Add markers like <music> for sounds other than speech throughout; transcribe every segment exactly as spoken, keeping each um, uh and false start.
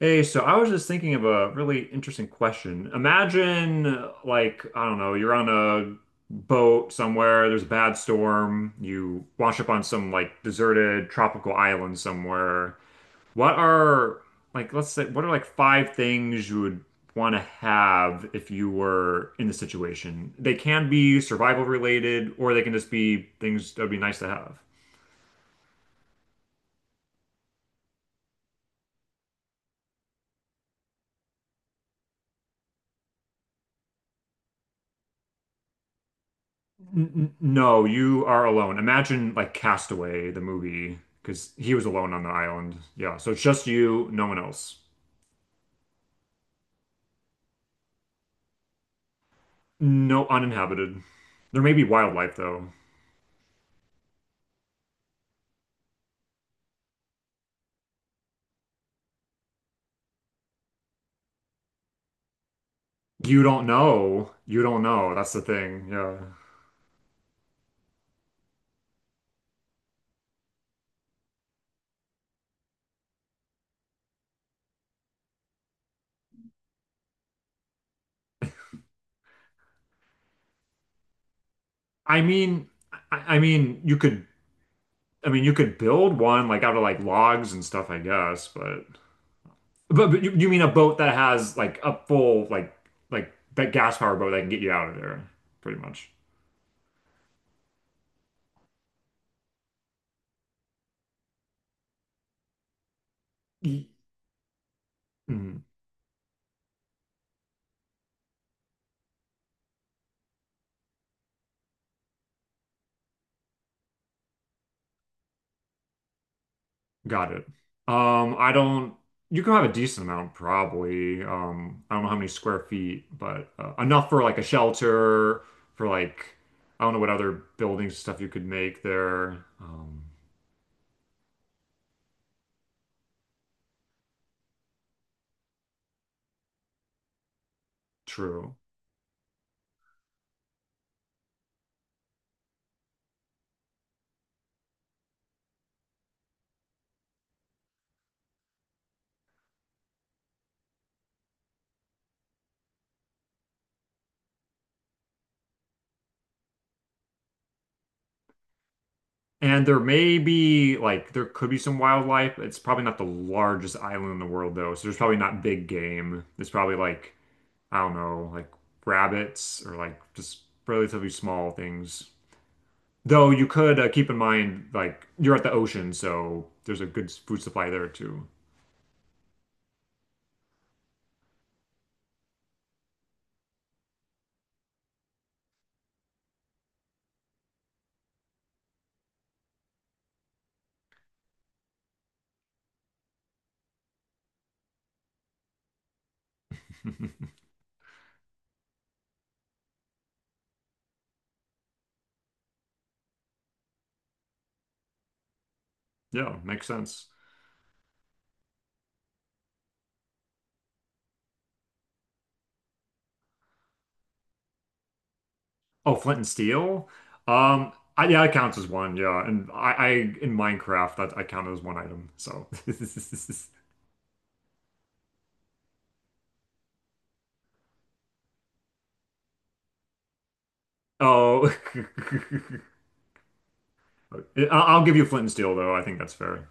Hey, so I was just thinking of a really interesting question. Imagine, uh, like, I don't know, you're on a boat somewhere, there's a bad storm, you wash up on some like deserted tropical island somewhere. What are, like, let's say, what are like five things you would want to have if you were in the situation? They can be survival related, or they can just be things that would be nice to have. N- no, you are alone. Imagine like Castaway, the movie, because he was alone on the island. Yeah, so it's just you, no one else. No, uninhabited. There may be wildlife though. You don't know. You don't know. That's the thing. Yeah. I mean, I, I mean, you could. I mean, you could build one like out of like logs and stuff, I guess. But but, but you, you mean a boat that has like a full like like that gas power boat that can get you out of there, pretty much. Y- Mhm. Got it. Um, I don't. You can have a decent amount, probably. Um, I don't know how many square feet, but uh, enough for like a shelter, for like I don't know what other buildings and stuff you could make there. Um, true. And there may be like there could be some wildlife. It's probably not the largest island in the world though, so there's probably not big game. It's probably like I don't know, like rabbits or like just relatively small things. Though you could uh, keep in mind, like, you're at the ocean, so there's a good food supply there too. <laughs> Yeah, makes sense. Oh, flint and steel? Um, I, yeah, it counts as one. Yeah, and I, I in Minecraft that I count it as one item. So, <laughs> oh, <laughs> I- I'll give you flint and steel though. I think that's fair.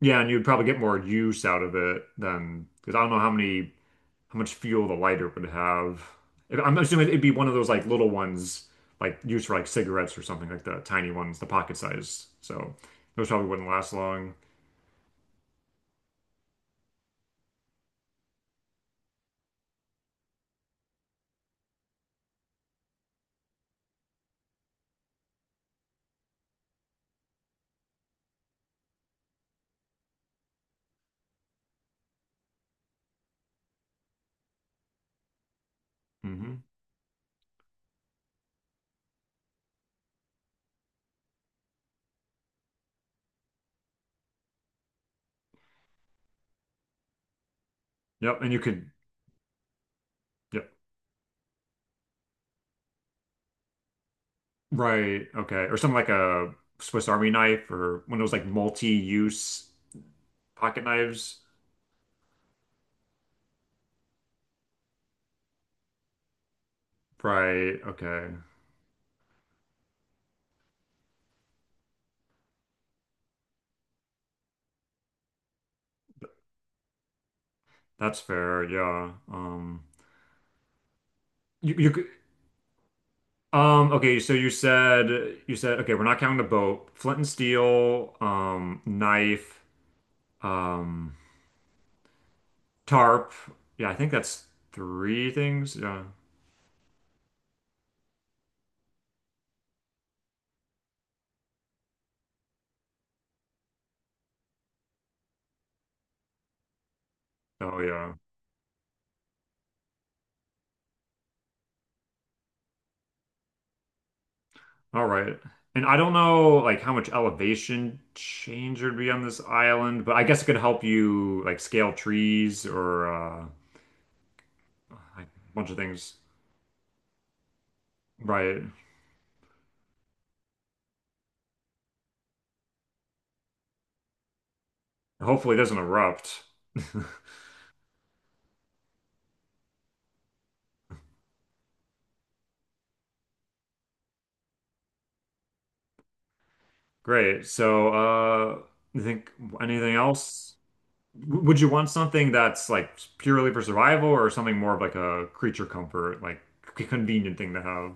Yeah, and you'd probably get more use out of it than because I don't know how many how much fuel the lighter would have. I'm assuming it'd be one of those like little ones, like used for like cigarettes or something like the tiny ones, the pocket size. So those probably wouldn't last long. Hmm. Yep, and you could, yep, right, okay, or something like a Swiss Army knife or one of those like multi-use pocket knives. Right, okay, that's fair. Yeah. Um, you you could. Um, okay, so you said you said okay, we're not counting the boat, flint and steel, um, knife. Um, tarp. Yeah, I think that's three things. Yeah. Oh yeah. All right. And I don't know like how much elevation change there'd be on this island, but I guess it could help you like scale trees or uh like a bunch of things. Right. Hopefully it doesn't erupt. <laughs> Great. So, uh, you think anything else? W- Would you want something that's like purely for survival or something more of like a creature comfort, like c- convenient thing to have?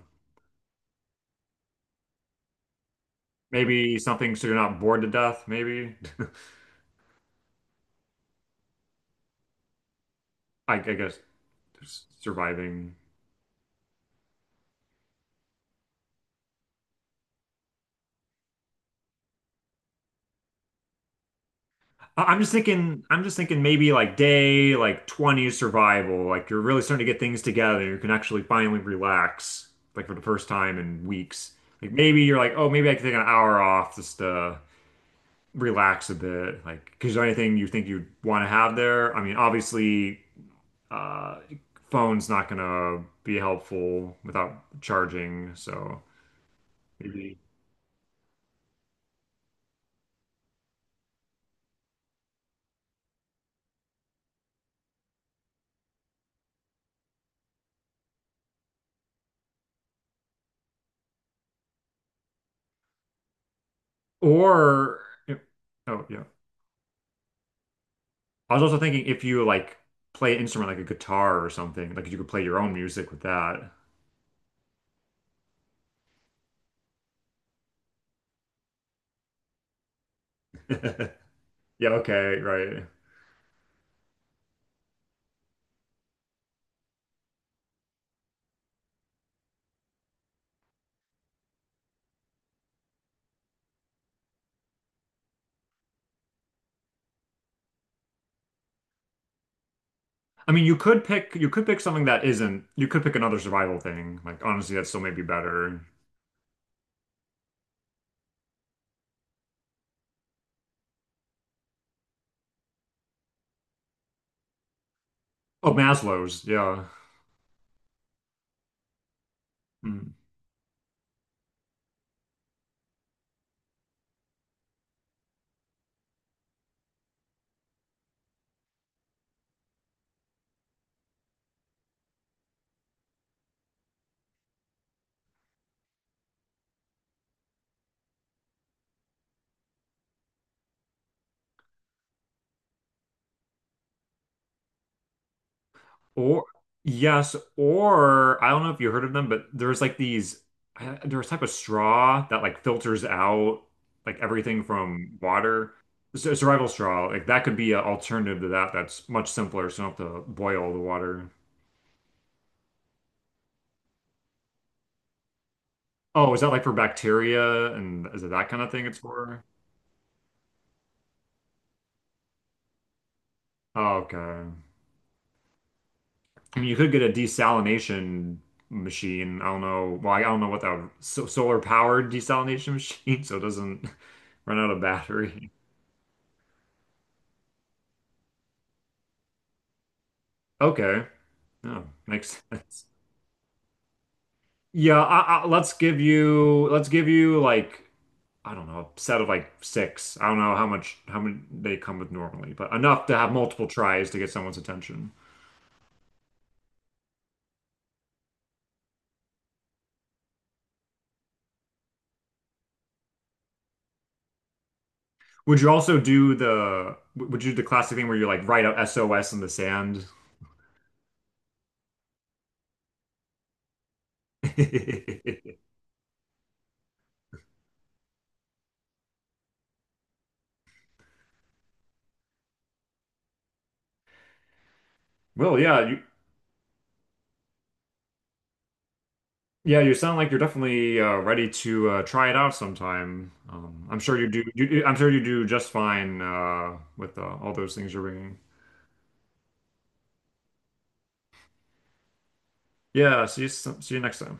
Maybe something so you're not bored to death, maybe. <laughs> I, I guess surviving. I- I'm just thinking, I'm just thinking maybe like day like twenty is survival. Like you're really starting to get things together. You can actually finally relax, like for the first time in weeks. Like maybe you're like, oh, maybe I can take an hour off just to relax a bit. Like, is there anything you think you'd want to have there? I mean, obviously, uh, phone's not gonna be helpful without charging, so maybe. Or if, oh yeah. I was also thinking if you like play an instrument like a guitar or something, like you could play your own music with that. <laughs> Yeah, okay, right. I mean, you could pick you could pick something that isn't. You could pick another survival thing. Like honestly, that still may be better. Oh, Maslow's, yeah. Hmm. Or yes, or I don't know if you heard of them, but there's like these I- there's a type of straw that like filters out like everything from water. Sur- Survival straw, like that could be an alternative to that that's much simpler, so you don't have to boil the water. Oh, is that like for bacteria and is it that kind of thing it's for? Oh, okay. I mean, you could get a desalination machine. I don't know. Well, I don't know what that so solar powered desalination <laughs> machine, so it doesn't <laughs> run out of battery. Okay. No, makes sense. Yeah, I, I, let's give you let's give you like I don't know, a set of like six. I don't know how much how many they come with normally, but enough to have multiple tries to get someone's attention. Would you also do the w- would you do the classic thing where you like write out S O S in the sand? <laughs> Well, yeah, you yeah, you sound like you're definitely uh, ready to uh, try it out sometime. Um, I'm sure you do. You, I'm sure you do just fine uh, with uh, all those things you're bringing. Yeah, see you, s- see you next time.